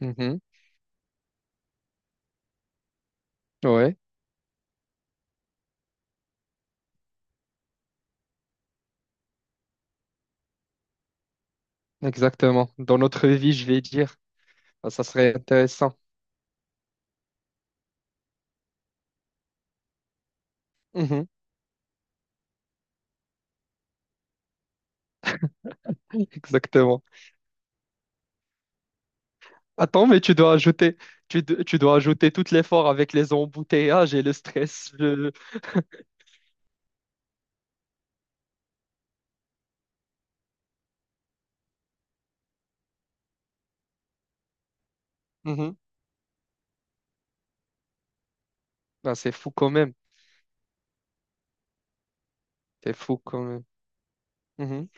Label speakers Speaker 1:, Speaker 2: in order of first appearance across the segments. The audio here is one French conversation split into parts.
Speaker 1: Mhm. Ouais, exactement. Dans notre vie, je vais dire. Ah, ça serait intéressant. Mhm. Exactement. Attends, mais tu dois ajouter, tu dois ajouter tout l'effort avec les embouteillages et le stress. Mhm. Ah, c'est fou quand même. C'est fou quand même. Mhm.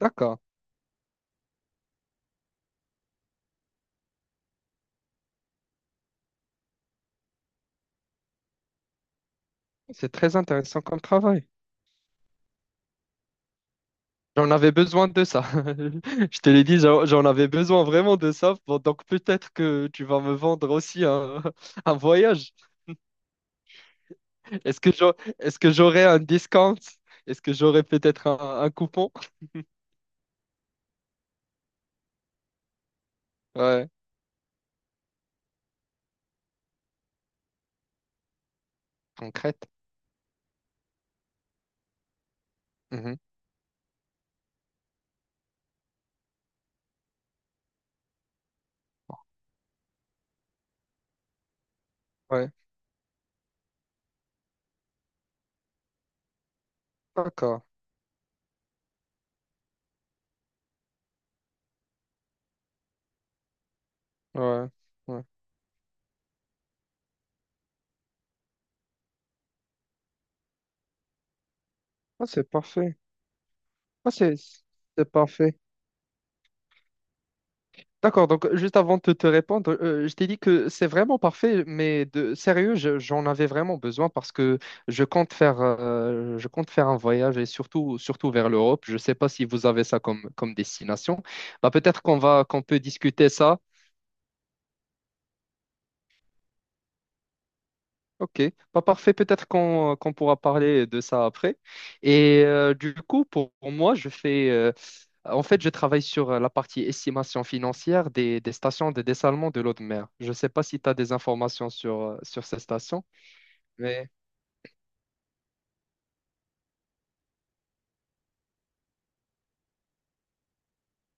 Speaker 1: D'accord. C'est très intéressant comme travail. J'en avais besoin de ça. Je te l'ai dit, j'en avais besoin vraiment de ça. Bon, donc peut-être que tu vas me vendre aussi un, un voyage. Est-ce que j'aurais un discount? Est-ce que j'aurais peut-être un coupon? Ouais, en Crète. Mhm. Ouais, d'accord. Ouais, ouais. Ah, c'est parfait. Ah, c'est parfait. D'accord, donc juste avant de te répondre, je t'ai dit que c'est vraiment parfait, mais de sérieux, j'en avais vraiment besoin parce que je compte faire un voyage et surtout vers l'Europe. Je ne sais pas si vous avez ça comme destination. Bah, peut-être qu'qu'on peut discuter ça. Ok, pas parfait, peut-être qu'on qu'on pourra parler de ça après. Et du coup, pour moi, je fais, en fait, je travaille sur la partie estimation financière des stations de dessalement de l'eau de mer. Je ne sais pas si tu as des informations sur ces stations, mais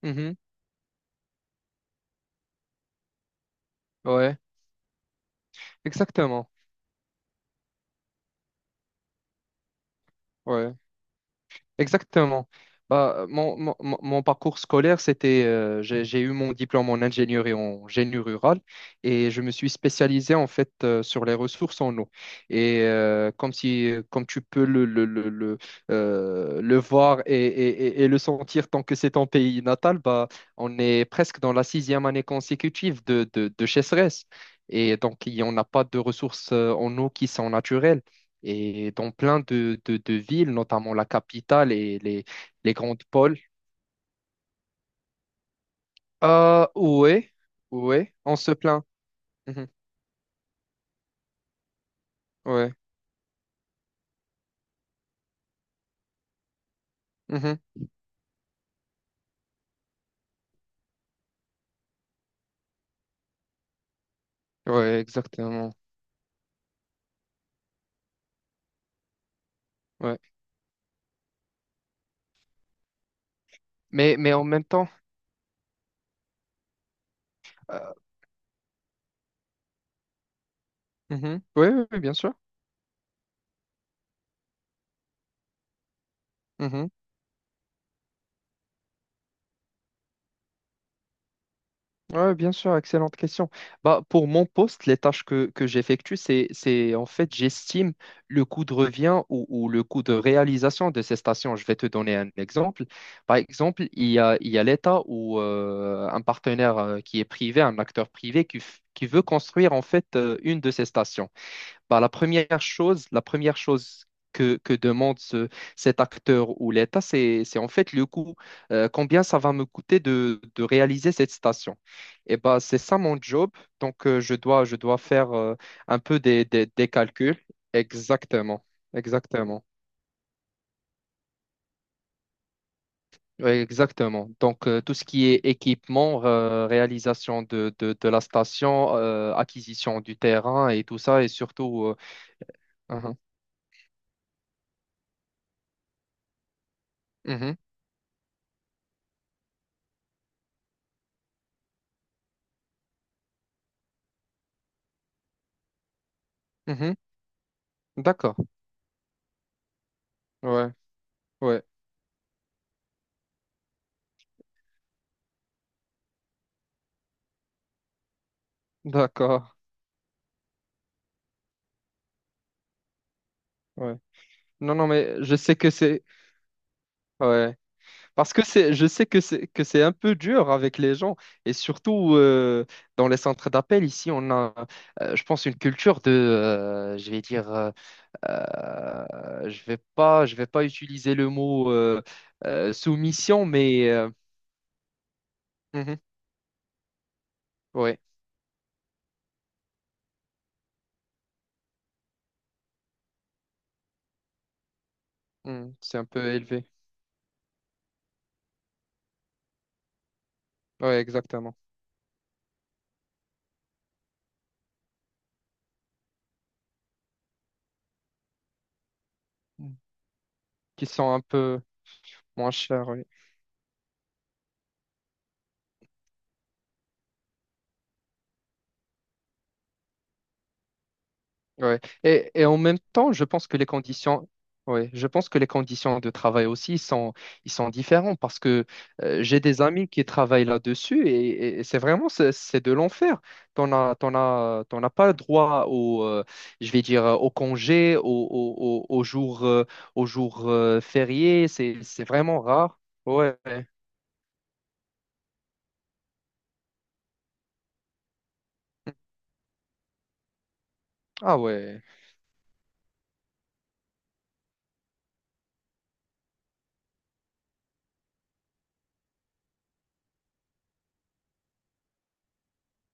Speaker 1: mhm. Ouais, exactement. Ouais. Exactement. Bah, mon parcours scolaire, c'était, j'ai eu mon diplôme en ingénierie en génie rural et je me suis spécialisé en fait sur les ressources en eau. Et comme si, comme tu peux le voir et le sentir tant que c'est ton pays natal, bah, on est presque dans la sixième année consécutive de sécheresse. Et donc, il n'y en a pas de ressources en eau qui sont naturelles. Et dans plein de villes, notamment la capitale et les grandes pôles. Ah, ouais, ouais, on se plaint. Mhm, ouais, mhm, ouais, exactement. Ouais. Mais en même temps, euh, mhm, ouais, bien sûr. Mhm. Ouais, bien sûr, excellente question. Bah, pour mon poste, les tâches que j'effectue, c'est en fait, j'estime le coût de revient ou le coût de réalisation de ces stations. Je vais te donner un exemple. Par exemple, il y a l'État ou un partenaire qui est privé, un acteur privé qui veut construire en fait une de ces stations. Bah, la première chose que demande cet acteur ou l'État, c'est en fait le coût. Combien ça va me coûter de réaliser cette station? Et bah, c'est ça mon job. Donc, je dois faire un peu des calculs. Exactement. Exactement. Ouais, exactement. Donc, tout ce qui est équipement, réalisation de la station, acquisition du terrain et tout ça, et surtout. Mhm. Mhm. Mhm. D'accord. Ouais. Ouais. D'accord. Ouais. Non, non, mais je sais que c'est. Ouais. Parce que c'est, je sais que c'est un peu dur avec les gens. Et surtout dans les centres d'appel, ici, on a, je pense, une culture de, je vais dire, je vais pas utiliser le mot soumission, mais mhm, ouais, mhm, c'est un peu élevé. Ouais, exactement. Mm. Qui sont un peu moins chers. Oui. Ouais. Et en même temps, je pense que les conditions, ouais, je pense que les conditions de travail aussi sont, ils sont différents parce que j'ai des amis qui travaillent là-dessus et, et c'est vraiment c'est de l'enfer. T'en as pas droit au, je vais dire, au congé, au jour férié. C'est vraiment rare. Ouais. Ah ouais.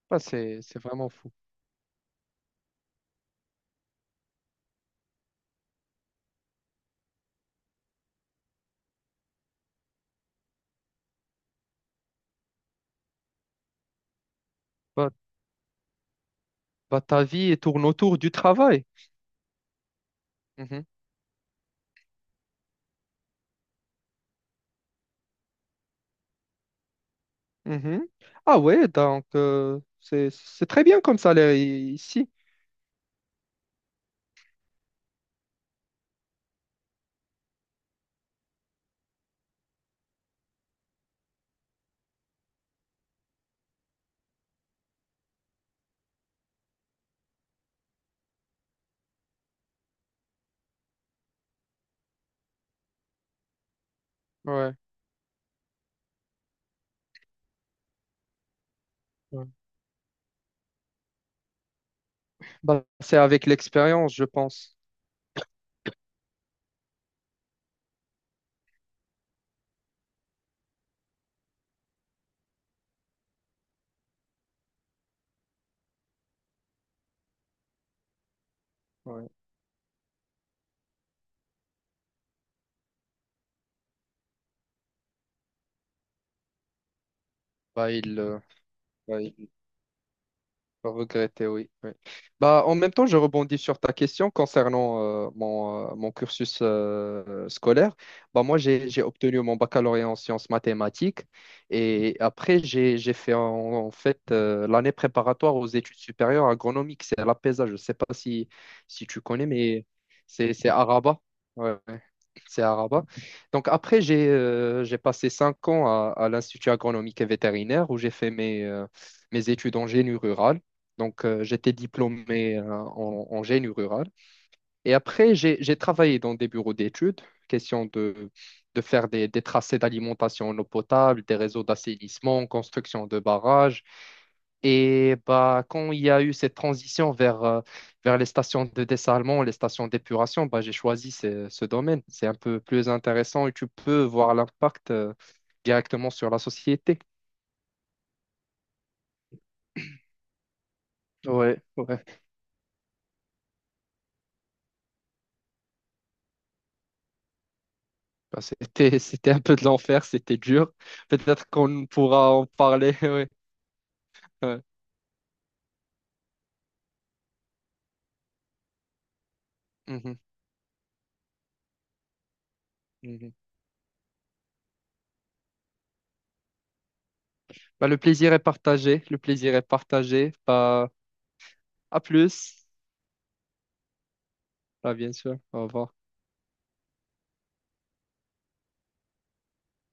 Speaker 1: Bah, c'est vraiment fou. Bah, bah, ta vie tourne autour du travail. Mhm. Ah ouais, donc c'est très bien comme salaire ici. Ouais. Ouais. Bah, c'est avec l'expérience, je pense. Ouais. Bah, il, regretter, oui. Oui. Bah, en même temps, je rebondis sur ta question concernant mon cursus scolaire. Bah, moi, j'ai obtenu mon baccalauréat en sciences mathématiques et après, j'ai fait en fait l'année préparatoire aux études supérieures agronomiques. C'est à l'APESA, je ne sais pas si, si tu connais, mais c'est à Rabat. Ouais, ouais. C'est à Rabat. Donc après, j'ai passé 5 ans à l'Institut agronomique et vétérinaire où j'ai fait mes, mes études en génie rural. Donc, j'étais diplômé en génie rural. Et après, j'ai travaillé dans des bureaux d'études, question de faire des tracés d'alimentation en eau potable, des réseaux d'assainissement, construction de barrages. Et bah, quand il y a eu cette transition vers, vers les stations de dessalement, les stations d'épuration, bah, j'ai choisi ce domaine. C'est un peu plus intéressant et tu peux voir l'impact directement sur la société. Ouais, ouais. Ben, c'était un peu de l'enfer, c'était dur. Peut-être qu'on pourra en parler. Ouais, ouais. Mhm, mhm. Ben, le plaisir est partagé. Le plaisir est partagé. Ben, à plus. Ben, bien sûr. Au revoir.